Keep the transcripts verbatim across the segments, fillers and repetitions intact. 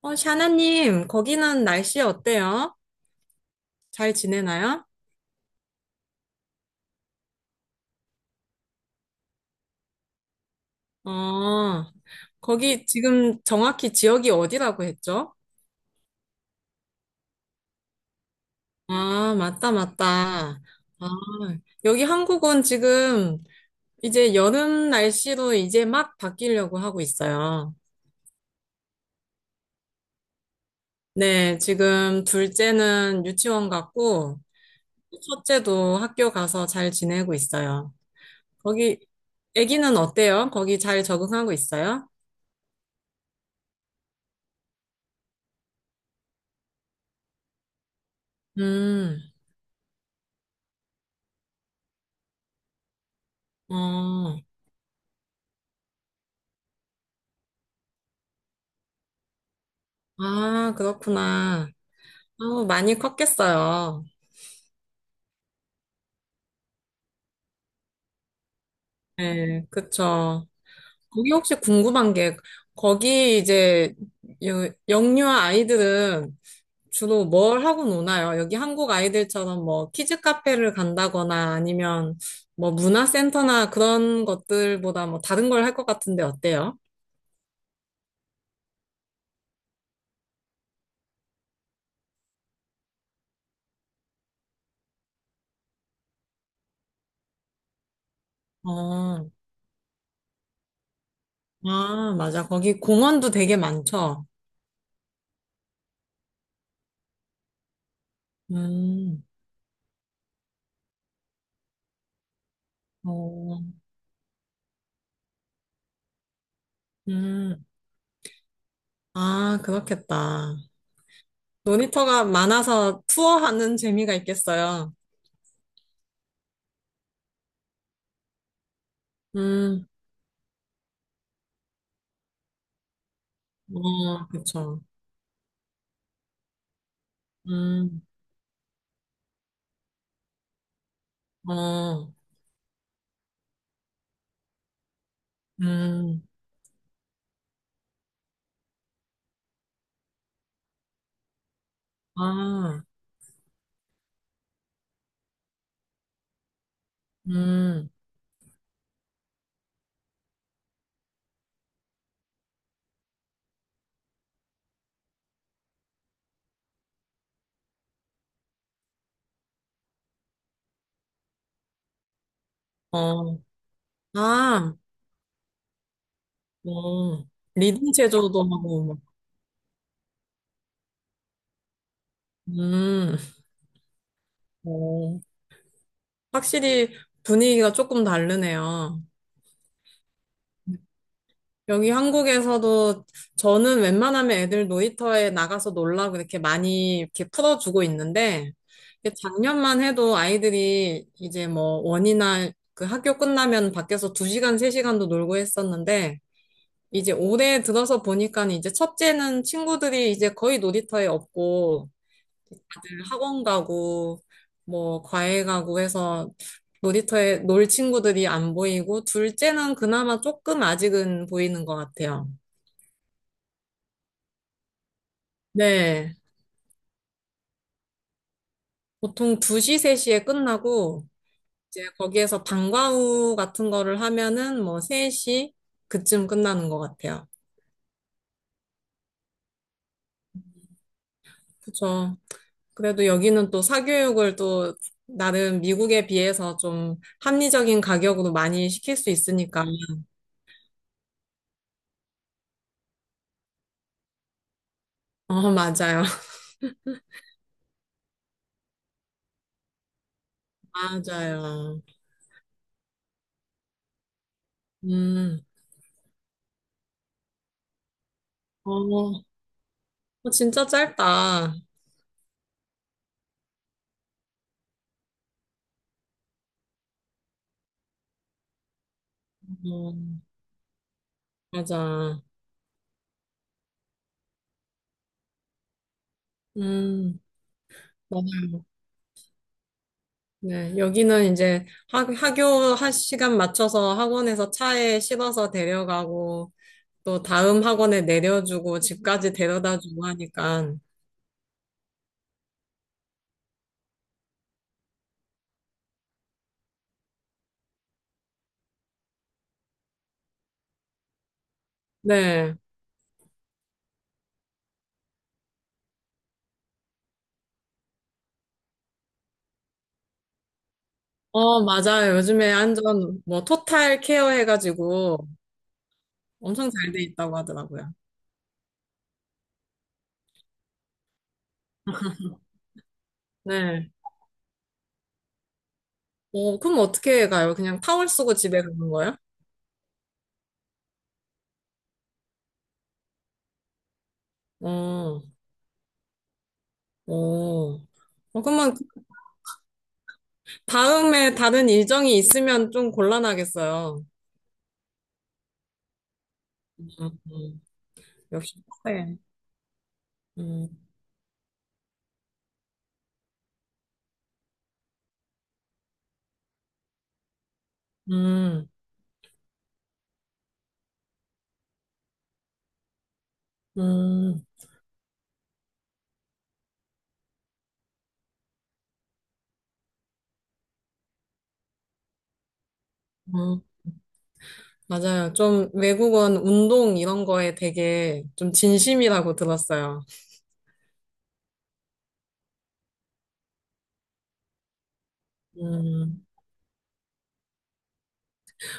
어, 샤나님, 거기는 날씨 어때요? 잘 지내나요? 어, 거기 지금 정확히 지역이 어디라고 했죠? 아, 맞다, 맞다. 아, 여기 한국은 지금 이제 여름 날씨로 이제 막 바뀌려고 하고 있어요. 네, 지금 둘째는 유치원 갔고, 첫째도 학교 가서 잘 지내고 있어요. 거기, 아기는 어때요? 거기 잘 적응하고 있어요? 음. 어. 아, 그렇구나. 어, 많이 컸겠어요. 네, 그쵸. 거기 혹시 궁금한 게, 거기 이제 여- 영유아 아이들은 주로 뭘 하고 노나요? 여기 한국 아이들처럼 뭐 키즈 카페를 간다거나 아니면 뭐 문화센터나 그런 것들보다 뭐 다른 걸 할 것 같은데 어때요? 어. 아, 맞아. 거기 공원도 되게 많죠? 음. 어. 음. 아, 그렇겠다. 모니터가 많아서 투어하는 재미가 있겠어요. 음. 어, 그쵸. 음. 어. 음. 아. 음. 어. 아. 어. 리듬 체조도 하고, 막. 음. 어, 확실히 분위기가 조금 다르네요. 여기 한국에서도 저는 웬만하면 애들 놀이터에 나가서 놀라고 이렇게 많이 이렇게 풀어주고 있는데 이게 작년만 해도 아이들이 이제 뭐 원이나 그 학교 끝나면 밖에서 두시간세시간도 놀고 했었는데 이제 올해 들어서 보니까 이제 첫째는 친구들이 이제 거의 놀이터에 없고 늘 학원 가고 뭐 과외 가고 해서 놀이터에 놀 친구들이 안 보이고 둘째는 그나마 조금 아직은 보이는 것 같아요. 네. 보통 두 시, 세 시에 끝나고, 이제 거기에서 방과후 같은 거를 하면은 뭐 세 시 그쯤 끝나는 것 같아요. 그쵸. 그래도 여기는 또 사교육을 또 나름 미국에 비해서 좀 합리적인 가격으로 많이 시킬 수 있으니까. 어, 맞아요. 맞아요. 음. 어. 진짜 짧다. 어, 맞아. 음. 네, 여기는 이제 학, 학교 한 시간 맞춰서 학원에서 차에 실어서 데려가고 또 다음 학원에 내려주고 집까지 데려다주고 하니까. 네. 어, 맞아요. 요즘에 완전 뭐 토탈 케어 해가지고 엄청 잘 돼 있다고 하더라고요. 네. 어, 그럼 어떻게 가요? 그냥 타월 쓰고 집에 가는 거예요? 어. 어. 어, 그러면 그 다음에 다른 일정이 있으면 좀 곤란하겠어요. 음, 음. 역시. 네. 음. 음, 음, 음. 맞아요. 좀 외국은 운동 이런 거에 되게 좀 진심이라고 들었어요. 음,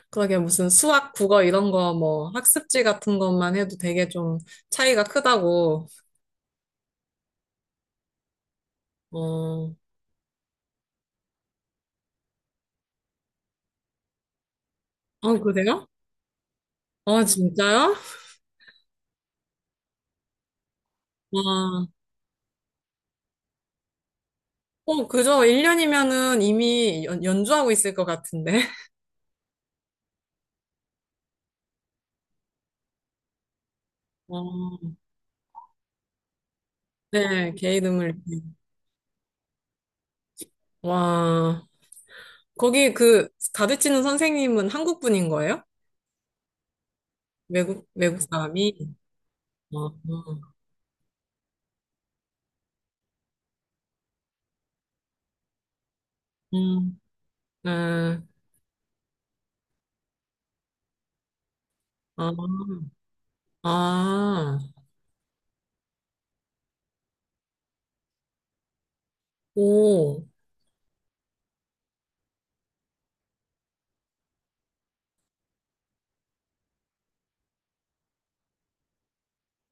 그러게 무슨 수학, 국어 이런 거 뭐 학습지 같은 것만 해도 되게 좀 차이가 크다고. 어, 어, 그래요? 어, 진짜요? 와. 어, 그죠. 일 년이면은 이미 연, 연주하고 있을 것 같은데. 어, 네, 개이름을. 와, 거기 그 가르치는 선생님은 한국 분인 거예요? 외국, 외국 사람이? 어. 어. 음. 음. 아. 아. 오.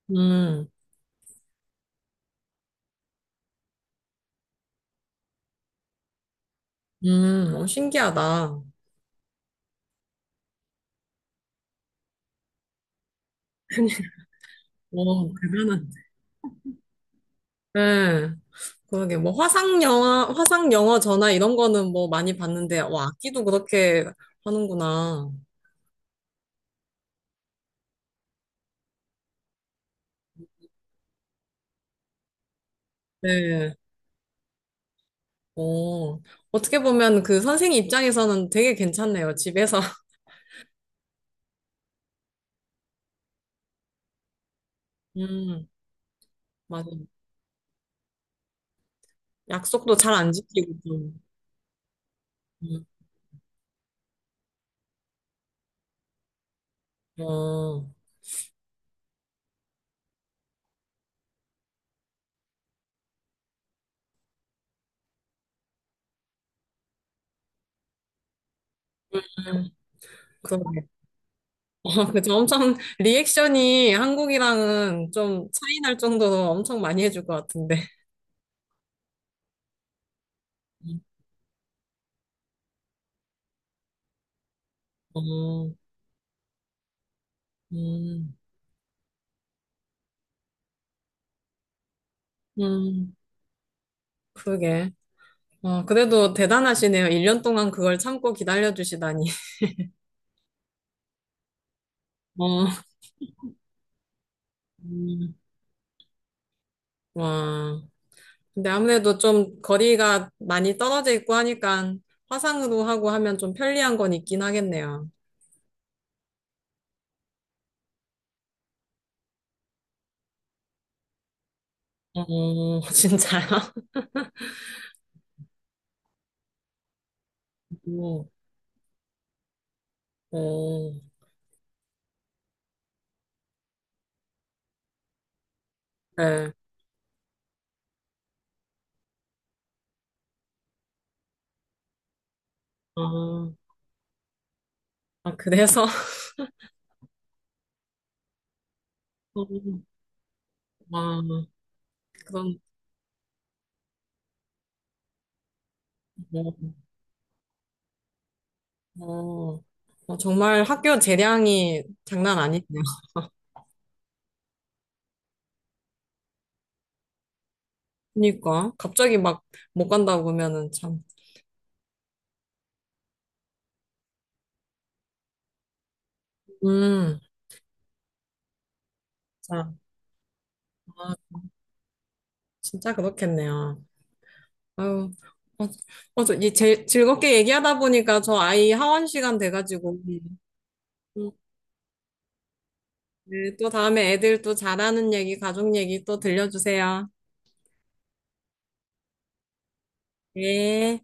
음. 음. 어, 신기하다. 오, 대단한. 네, 그러게, 뭐, 화상 영화, 화상 영어 전화 이런 거는 뭐 많이 봤는데, 와, 악기도 그렇게 하는구나. 네. 오, 어떻게 보면 그 선생님 입장에서는 되게 괜찮네요, 집에서. 음. 맞아. 약속도 잘 안 지키고 좀. 음. 어. 음. 그럼. 아, 그죠. 엄청 리액션이 한국이랑은 좀 차이 날 정도로 엄청 많이 해줄 것 같은데. 어. 음, 음, 그러게. 어, 그래도 대단하시네요. 일 년 동안 그걸 참고 기다려주시다니. 어. 음. 와. 근데 아무래도 좀 거리가 많이 떨어져 있고 하니까 화상으로 하고 하면 좀 편리한 건 있긴 하겠네요. 어, 진짜요? 오. 오. 네. 아. 아, 그래서? 어. 와. 그런, 뭐, 어, 어, 어, 정말 학교 재량이 장난 아니네요. 그러니까. 갑자기 막 못 간다고 그러면은 참. 음. 자. 아, 진짜 그렇겠네요. 아유. 어. 어, 저, 이 제, 즐겁게 얘기하다 보니까 저 아이 하원 시간 돼가지고. 음. 네, 또 다음에 애들 또 잘하는 얘기, 가족 얘기 또 들려주세요. 네.